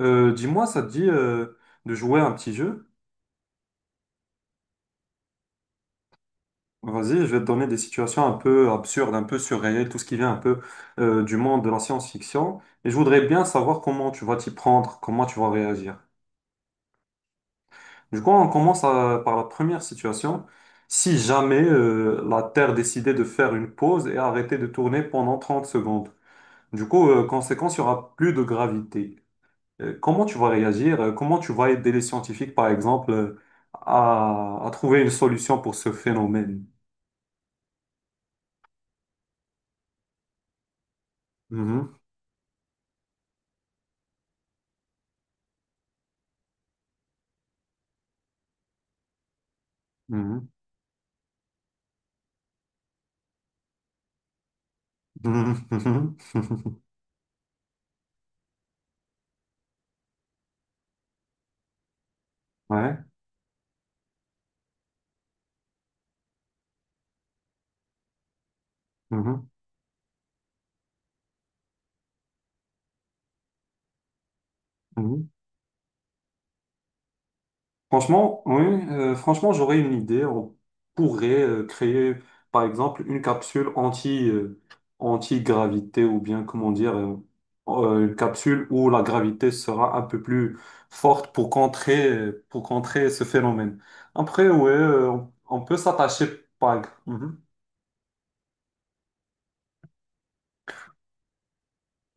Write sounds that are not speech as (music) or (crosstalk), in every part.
Dis-moi, ça te dit de jouer à un petit jeu? Vas-y, je vais te donner des situations un peu absurdes, un peu surréelles, tout ce qui vient un peu du monde de la science-fiction. Et je voudrais bien savoir comment tu vas t'y prendre, comment tu vas réagir. Du coup, par la première situation. Si jamais la Terre décidait de faire une pause et arrêter de tourner pendant 30 secondes, du coup, conséquence, il n'y aura plus de gravité. Comment tu vas réagir? Comment tu vas aider les scientifiques, par exemple, à trouver une solution pour ce phénomène? Mhm, mhm, mhm, mhm, mhm. Mhm. (laughs) Ouais. Mhm, mhm. Franchement, oui, franchement, j'aurais une idée. On pourrait créer, par exemple, une capsule anti-gravité ou bien, comment dire, une capsule où la gravité sera un peu plus forte pour contrer ce phénomène. Après, ouais, on peut s'attacher, par exemple.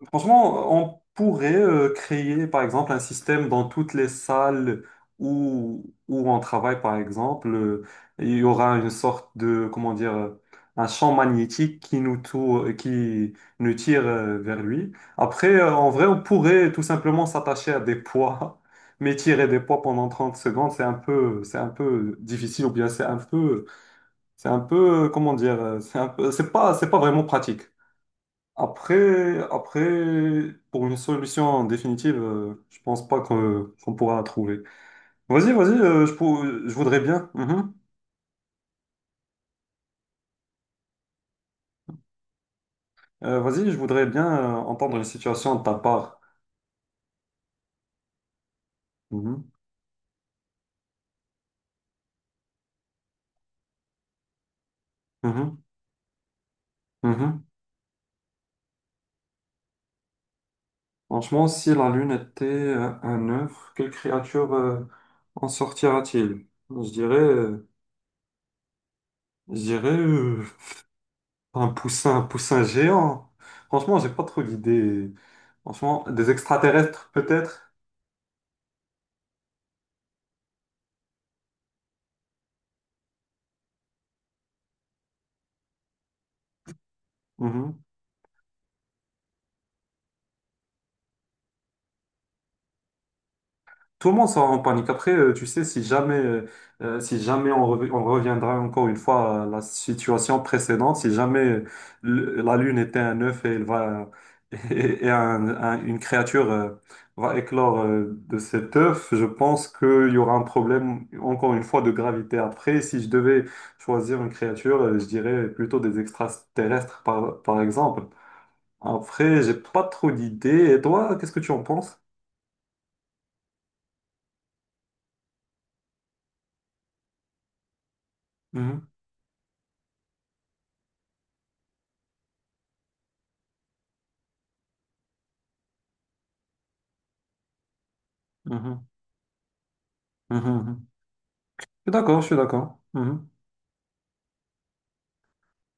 Franchement, on pourrait créer, par exemple, un système dans toutes les salles où on travaille, par exemple. Il y aura une sorte de, comment dire, un champ magnétique qui nous tire vers lui. Après, en vrai, on pourrait tout simplement s'attacher à des poids, (laughs) mais tirer des poids pendant 30 secondes, c'est un peu difficile, ou bien c'est un peu, comment dire, c'est un peu, c'est pas vraiment pratique. Après, pour une solution en définitive, je pense pas que- qu'on pourra la trouver. Vas-y, vas-y, je voudrais bien. Mhm. Vas-y, je voudrais bien entendre une situation de ta part. Mhm, mhm, mhm. Franchement, si la Lune était un œuf, quelle créature en sortira-t-il? Je dirais un poussin géant. Franchement, j'ai pas trop d'idées. Franchement, des extraterrestres peut-être. Mhm. Tout le monde sera en panique. Après, tu sais, si jamais, si jamais on reviendra encore une fois à la situation précédente, si jamais la Lune était un œuf et elle va (laughs) et, et une créature va éclore de cet œuf, je pense qu'il y aura un problème encore une fois de gravité. Après, si je devais choisir une créature, je dirais plutôt des extraterrestres, par exemple. Après, j'ai pas trop d'idées. Et toi, qu'est-ce que tu en penses? Mhm, mhm, mhm, mhm. Je suis d'accord, je suis d'accord. Mhm.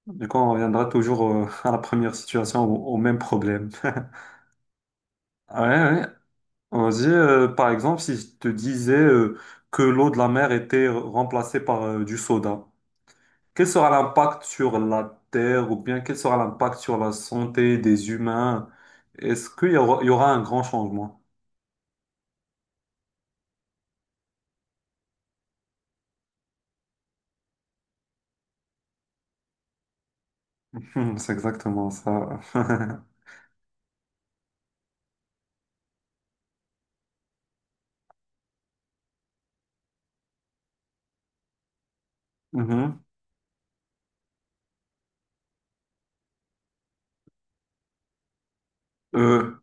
Du coup, on reviendra toujours (laughs) à la première situation, au même problème. (laughs) Ouais, ouais. Vas-y, par exemple, si je te disais que l'eau de la mer était remplacée par du soda, quel sera l'impact sur la Terre ou bien quel sera l'impact sur la santé des humains? Est-ce qu'il y aura un grand changement? (laughs) Hmm, c'est exactement ça. (laughs) Mhm. Euh,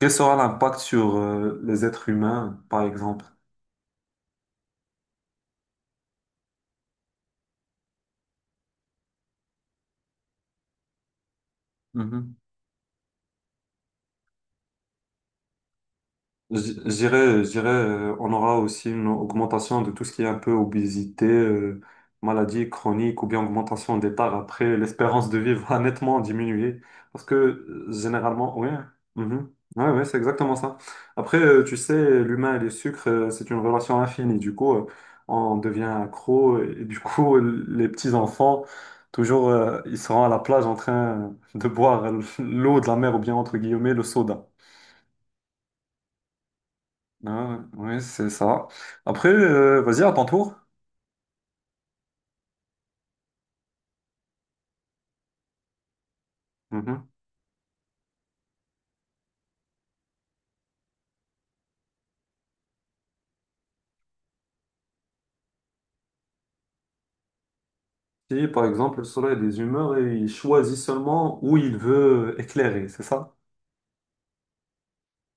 quel sera l'impact sur les êtres humains, par exemple? Mhm. Je dirais, on aura aussi une augmentation de tout ce qui est un peu obésité, maladie chronique ou bien augmentation des tares. Après, l'espérance de vie va nettement diminuer parce que généralement, oui, mhm. Ouais, ouais, c'est exactement ça. Après, tu sais, l'humain et le sucre, c'est une relation infinie. Du coup, on devient accro et du (laughs) coup, les petits-enfants, toujours, ils seront à la plage en train de boire l'eau de la mer ou bien, entre guillemets, le soda. Ah ouais, ouais, c'est ça. Après, vas-y, à ton tour. Mhm. Si, par exemple, le soleil a des humeurs et il choisit seulement où il veut éclairer, c'est ça?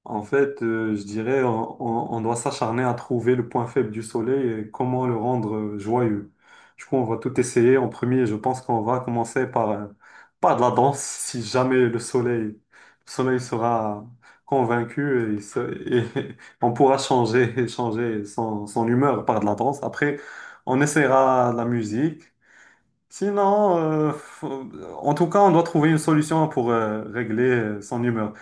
En fait, je dirais, on doit s'acharner à trouver le point faible du soleil et comment le rendre joyeux. Du coup, on va tout essayer. En premier, je pense qu'on va commencer par, par de la danse, si jamais le soleil sera convaincu et (laughs) on pourra changer, son humeur par de la danse. Après, on essaiera de la musique. Sinon, euh, faut- En tout cas, on doit trouver une solution pour régler son humeur.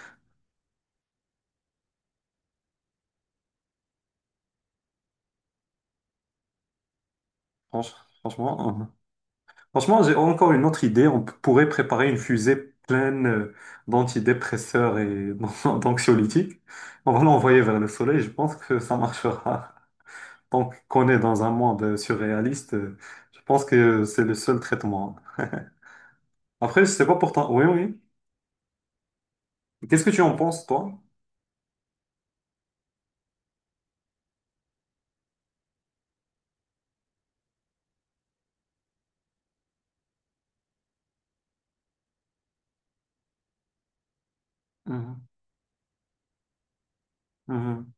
Franch- Franchement. (laughs) Franchement, j'ai encore une autre idée. On p- pourrait préparer une fusée pleine d'antidépresseurs et (laughs) d'anxiolytiques. On va l'envoyer vers le soleil. Je pense que ça marchera. Tant qu'on est dans un monde surréaliste, je pense que c'est le seul traitement. Après, je sais pas pourtant. Oui, oui. Qu'est-ce que tu en penses, toi? Mhm. Mhm.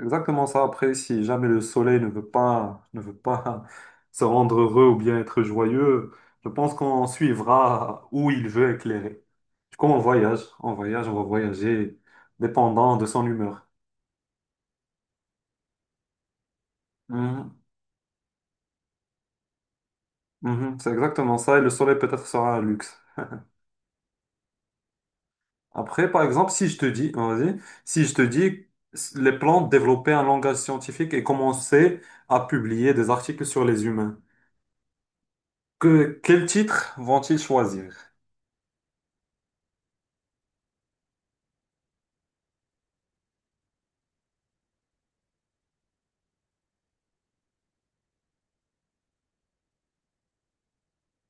Exactement ça. Après, si jamais le soleil ne veut pas, ne veut pas se rendre heureux ou bien être joyeux, je pense qu'on suivra où il veut éclairer. Du coup, on va voyager, dépendant de son humeur. Mhm. Mhm. C'est exactement ça. Et le soleil peut-être sera un luxe. Après, par exemple, si je te dis, vas-y, si je te dis, les plantes développaient un langage scientifique et commençaient à publier des articles sur les humains, quel titre vont-ils choisir?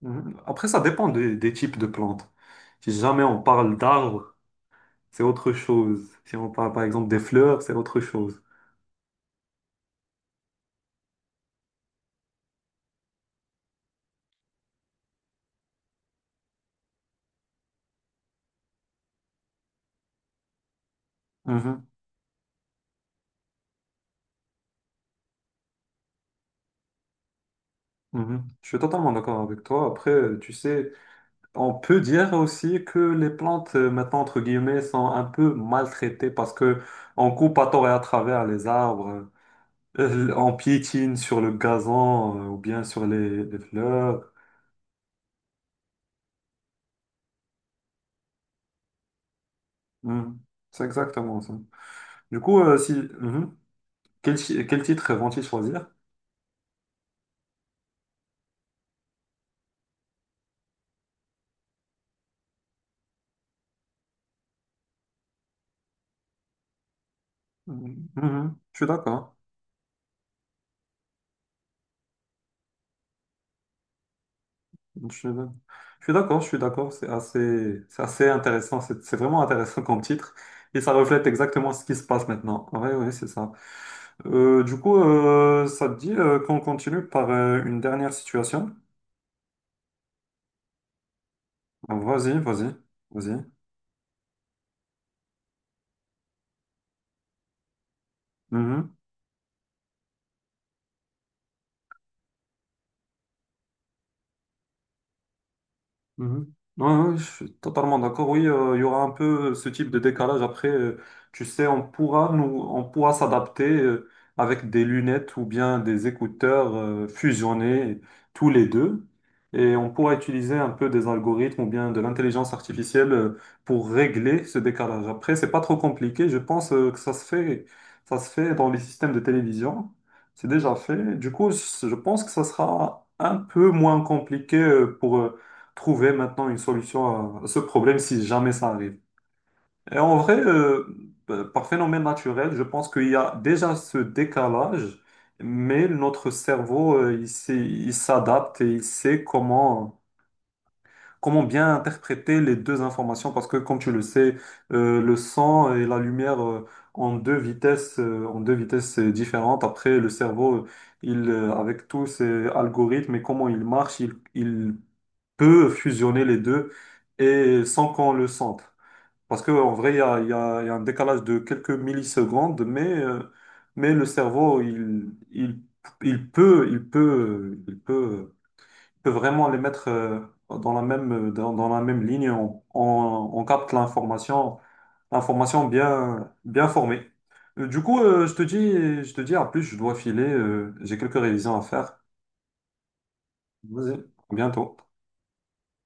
Mhm. Après, ça dépend des types de plantes. Si jamais on parle d'arbres, c'est autre chose. Si on parle par exemple des fleurs, c'est autre chose. Mhm. Mhm. Je suis totalement d'accord avec toi. Après, tu sais, on peut dire aussi que les plantes, maintenant, entre guillemets, sont un peu maltraitées parce que on coupe à tort et à travers les arbres, on piétine sur le gazon, ou bien sur les fleurs. Mhm. C'est exactement ça. Du coup, si, mhm. Quel titre vont-ils choisir? Mhm. Mhm. Je suis d'accord. Je suis d'accord, je suis d'accord. C'est assez intéressant. C'est vraiment intéressant comme titre. Et ça reflète exactement ce qui se passe maintenant. Oui, oui, c'est ça. Du coup, ça te dit qu'on continue par une dernière situation? Vas-y, vas-y, vas-y. Mhm. Mhm. Ouais, ouais, je suis totalement d'accord. Oui, il y aura un peu ce type de décalage. Après, tu sais, on pourra s'adapter avec des lunettes ou bien des écouteurs fusionnés tous les deux. Et on pourra utiliser un peu des algorithmes ou bien de l'intelligence artificielle pour régler ce décalage. Après, c'est pas trop compliqué. Je pense que ça se fait dans les systèmes de télévision. C'est déjà fait. Du coup, je pense que ça sera un peu moins compliqué pour trouver maintenant une solution à ce problème si jamais ça arrive. Et en vrai, par phénomène naturel, je pense qu'il y a déjà ce décalage, mais notre cerveau, il s'adapte et il sait comment, comment bien interpréter les deux informations parce que, comme tu le sais, le son et la lumière, en deux vitesses différentes. Après, le cerveau, avec tous ses algorithmes et comment il marche, il peut fusionner les deux et sans qu'on le sente. Parce qu'en vrai, il y a un décalage de quelques millisecondes, mais le cerveau, il peut, il peut, il peut, il peut vraiment les mettre dans dans la même ligne. On capte l'information, l'information bien, bien formée. Du coup, je te dis, en plus, je dois filer, j'ai quelques révisions à faire. Vas-y, à bientôt.